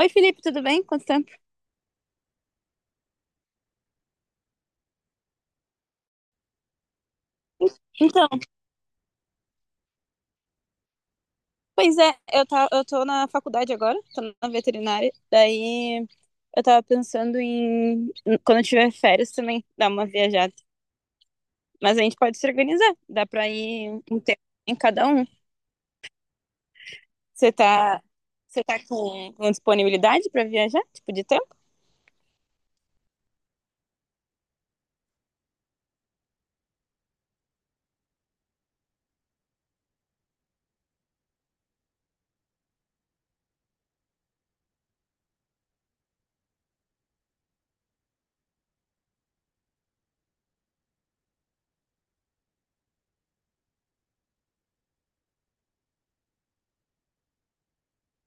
Oi, Felipe, tudo bem? Quanto tempo? Então, pois é, tá, eu tô na faculdade agora, tô na veterinária, daí eu tava pensando quando eu tiver férias também, dar uma viajada. Mas a gente pode se organizar, dá pra ir um tempo em cada um. Você tá, você tá com disponibilidade pra viajar, tipo, de tempo?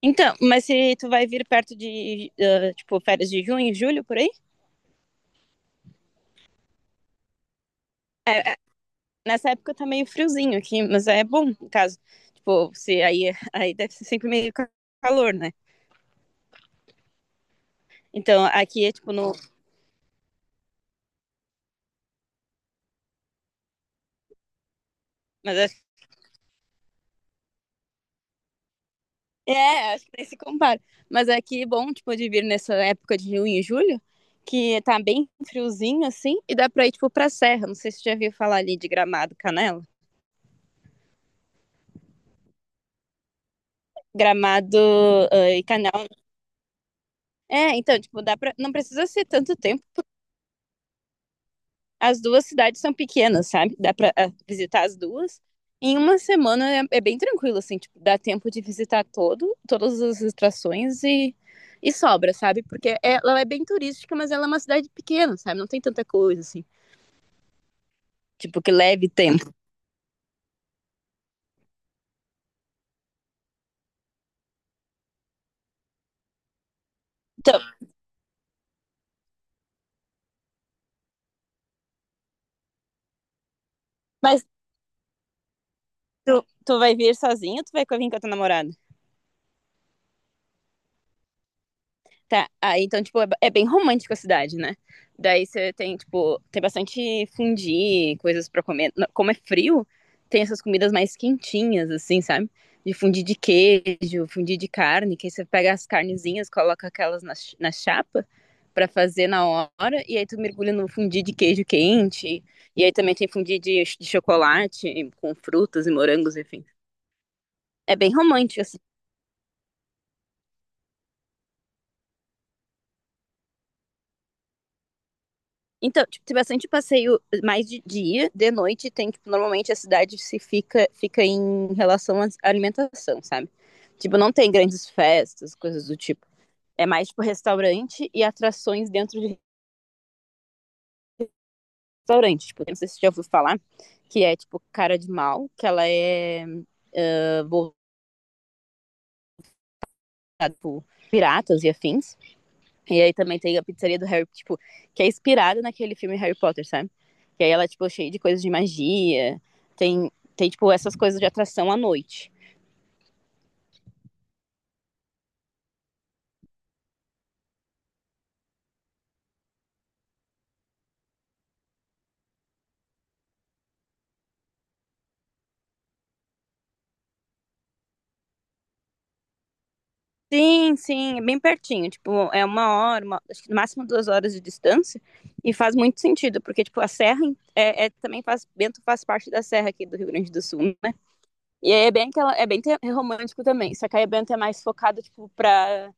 Então, mas se tu vai vir perto de, tipo, férias de junho, julho, por aí? Nessa época tá meio friozinho aqui, mas é bom, no caso. Tipo, se aí, aí deve ser sempre meio calor, né? Então, aqui é tipo no. Mas acho que nem se compara. Mas aqui é bom, tipo, de vir nessa época de junho e julho, que tá bem friozinho, assim, e dá pra ir, tipo, pra serra. Não sei se você já viu falar ali de Gramado, Canela. Gramado, e Canela. É, então, tipo, dá pra. Não precisa ser tanto tempo. As duas cidades são pequenas, sabe? Dá pra visitar as duas. Em uma semana é bem tranquilo, assim, tipo, dá tempo de visitar todas as atrações e sobra, sabe? Porque ela é bem turística, mas ela é uma cidade pequena, sabe? Não tem tanta coisa, assim, tipo, que leve tempo. Então, mas tu vai vir sozinho ou tu vai vir com a tua namorada? Tá, então, tipo, é bem romântico a cidade, né? Daí você tem, tipo, tem bastante fundi, coisas pra comer. Não, como é frio, tem essas comidas mais quentinhas, assim, sabe? De fundi de queijo, fundi de carne, que aí você pega as carnezinhas, coloca aquelas na chapa pra fazer na hora, e aí tu mergulha no fundi de queijo quente, e aí também tem fundi de chocolate com frutas e morangos, enfim. É bem romântico. Então, tipo, tem bastante passeio mais de dia, de noite tem, tipo, normalmente a cidade se fica em relação à alimentação, sabe? Tipo, não tem grandes festas, coisas do tipo. É mais, tipo, restaurante e atrações dentro de restaurante. Tipo, não sei se você já ouviu falar, que é, tipo, Cara de Mal, que ela é voltada por piratas e afins. E aí também tem a pizzaria do Harry, tipo, que é inspirada naquele filme Harry Potter, sabe? Que aí ela, tipo, é tipo, cheia de coisas de magia, tem, tipo, essas coisas de atração à noite. Sim, sim, é bem pertinho, tipo, é uma hora, uma, acho que no máximo 2 horas de distância, e faz muito sentido, porque, tipo, a serra é também faz, Bento faz parte da serra aqui do Rio Grande do Sul, né? E aí é bem, aquela, é bem romântico também, só que aí Bento é mais focado, tipo, pra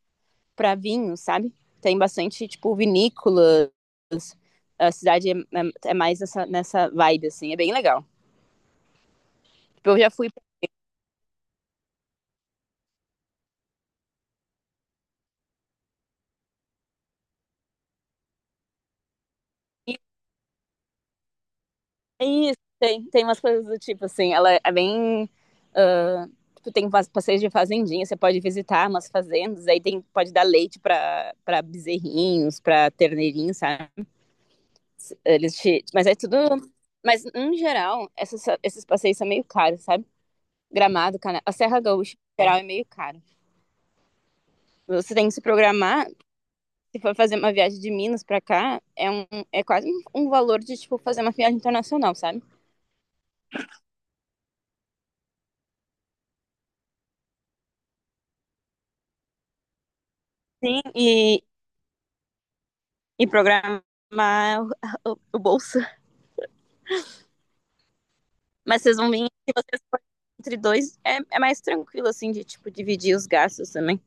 para vinho, sabe? Tem bastante, tipo, vinícolas. A cidade é mais nessa vibe, assim. É bem legal. Tipo, eu já fui pra Nice, é isso, tem umas coisas do tipo, assim. Ela é bem... ah, tipo, tem passeios de fazendinha, você pode visitar umas fazendas. Aí tem, pode dar leite para bezerrinhos, para terneirinhos, sabe? Eles te, mas é tudo. Mas, em geral, esses passeios são meio caros, sabe? Gramado, Cana. A Serra Gaúcha, em geral, é meio caro. Você tem que se programar. Se for fazer uma viagem de Minas para cá, é, um, é quase um valor de, tipo, fazer uma viagem internacional, sabe? Sim, e programar o bolso. Mas vocês vão vir entre dois, é mais tranquilo, assim, de, tipo, dividir os gastos também.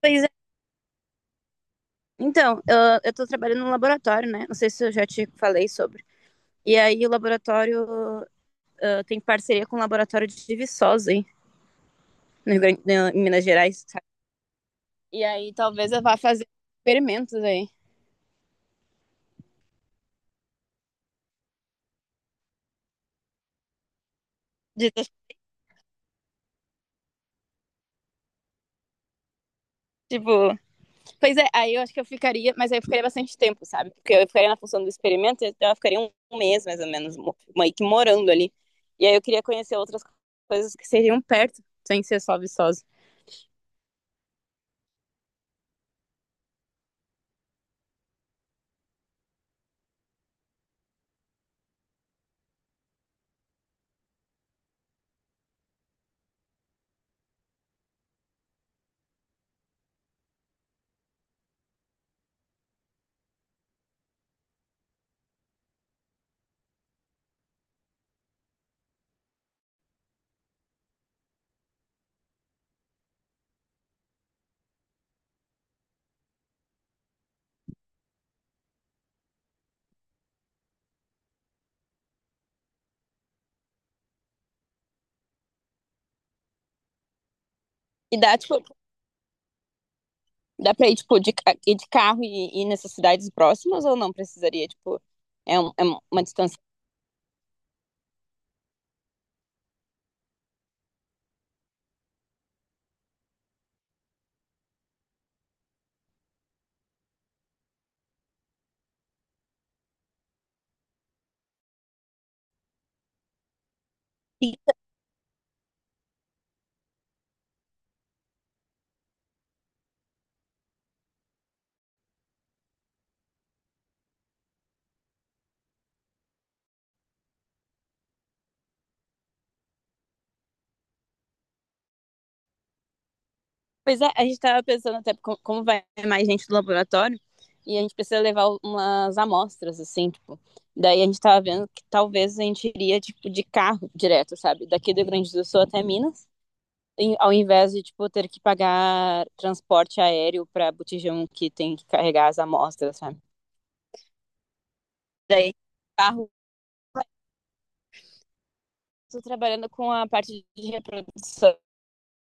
Pois é. Então, eu tô trabalhando no laboratório, né? Não sei se eu já te falei sobre. E aí, o laboratório tem parceria com o laboratório de Viçosa, aí, no Rio Grande, em Minas Gerais, sabe? E aí, talvez eu vá fazer experimentos aí. De, tipo, pois é, aí eu acho que eu ficaria, mas aí eu ficaria bastante tempo, sabe? Porque eu ficaria na função do experimento, então eu ficaria um mês mais ou menos, meio que morando ali. E aí eu queria conhecer outras coisas que seriam perto, sem ser só Viçosa. E dá pra ir, tipo, ir de carro e ir nessas cidades próximas ou não precisaria, tipo, é uma distância. Pois é, a gente estava pensando até como vai mais gente do laboratório e a gente precisa levar umas amostras, assim, tipo. Daí a gente estava vendo que talvez a gente iria, tipo, de carro direto, sabe? Daqui do Rio Grande do Sul até Minas, ao invés de, tipo, ter que pagar transporte aéreo para botijão que tem que carregar as amostras, sabe? Daí, carro, tô trabalhando com a parte de reprodução.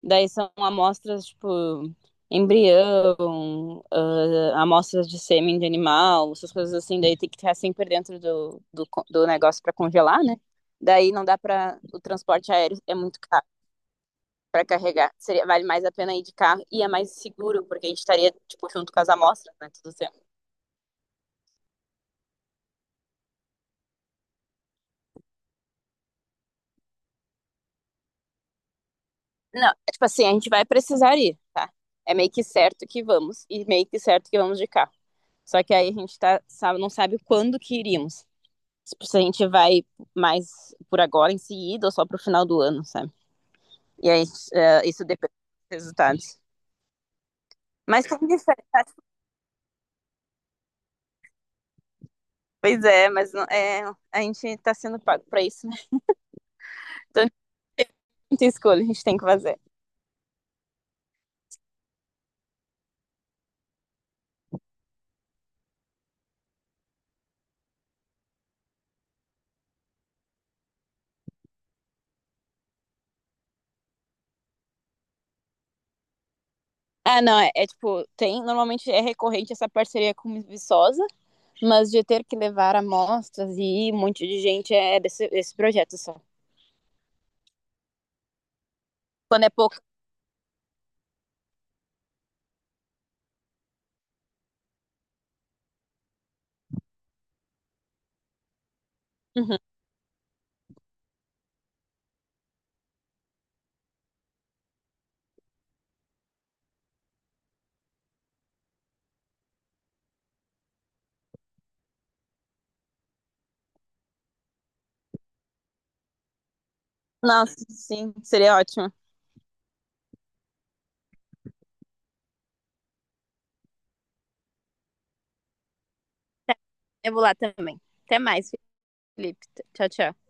Daí são amostras, tipo, embrião, amostras de sêmen de animal, essas coisas assim. Daí tem que estar sempre dentro do negócio para congelar, né? Daí não dá para. O transporte aéreo é muito caro para carregar. Seria, vale mais a pena ir de carro e é mais seguro, porque a gente estaria, tipo, junto com as amostras, né? Tudo certo. Não, é tipo assim, a gente vai precisar ir, tá? É meio que certo que vamos, e meio que certo que vamos de carro. Só que aí a gente tá, sabe, não sabe quando que iríamos. Tipo, se a gente vai mais por agora em seguida ou só pro final do ano, sabe? E aí isso depende dos resultados. Mas como que. Pois é, mas é, a gente tá sendo pago pra isso, né? Então não tem escolha, a gente tem que fazer. Ah, não, é tipo, normalmente é recorrente essa parceria com Viçosa, mas de ter que levar amostras e ir um monte de gente é desse projeto só. Quando é pouco. Uhum. Nossa, sim, seria ótimo. Eu vou lá também. Até mais, Felipe. Tchau, tchau.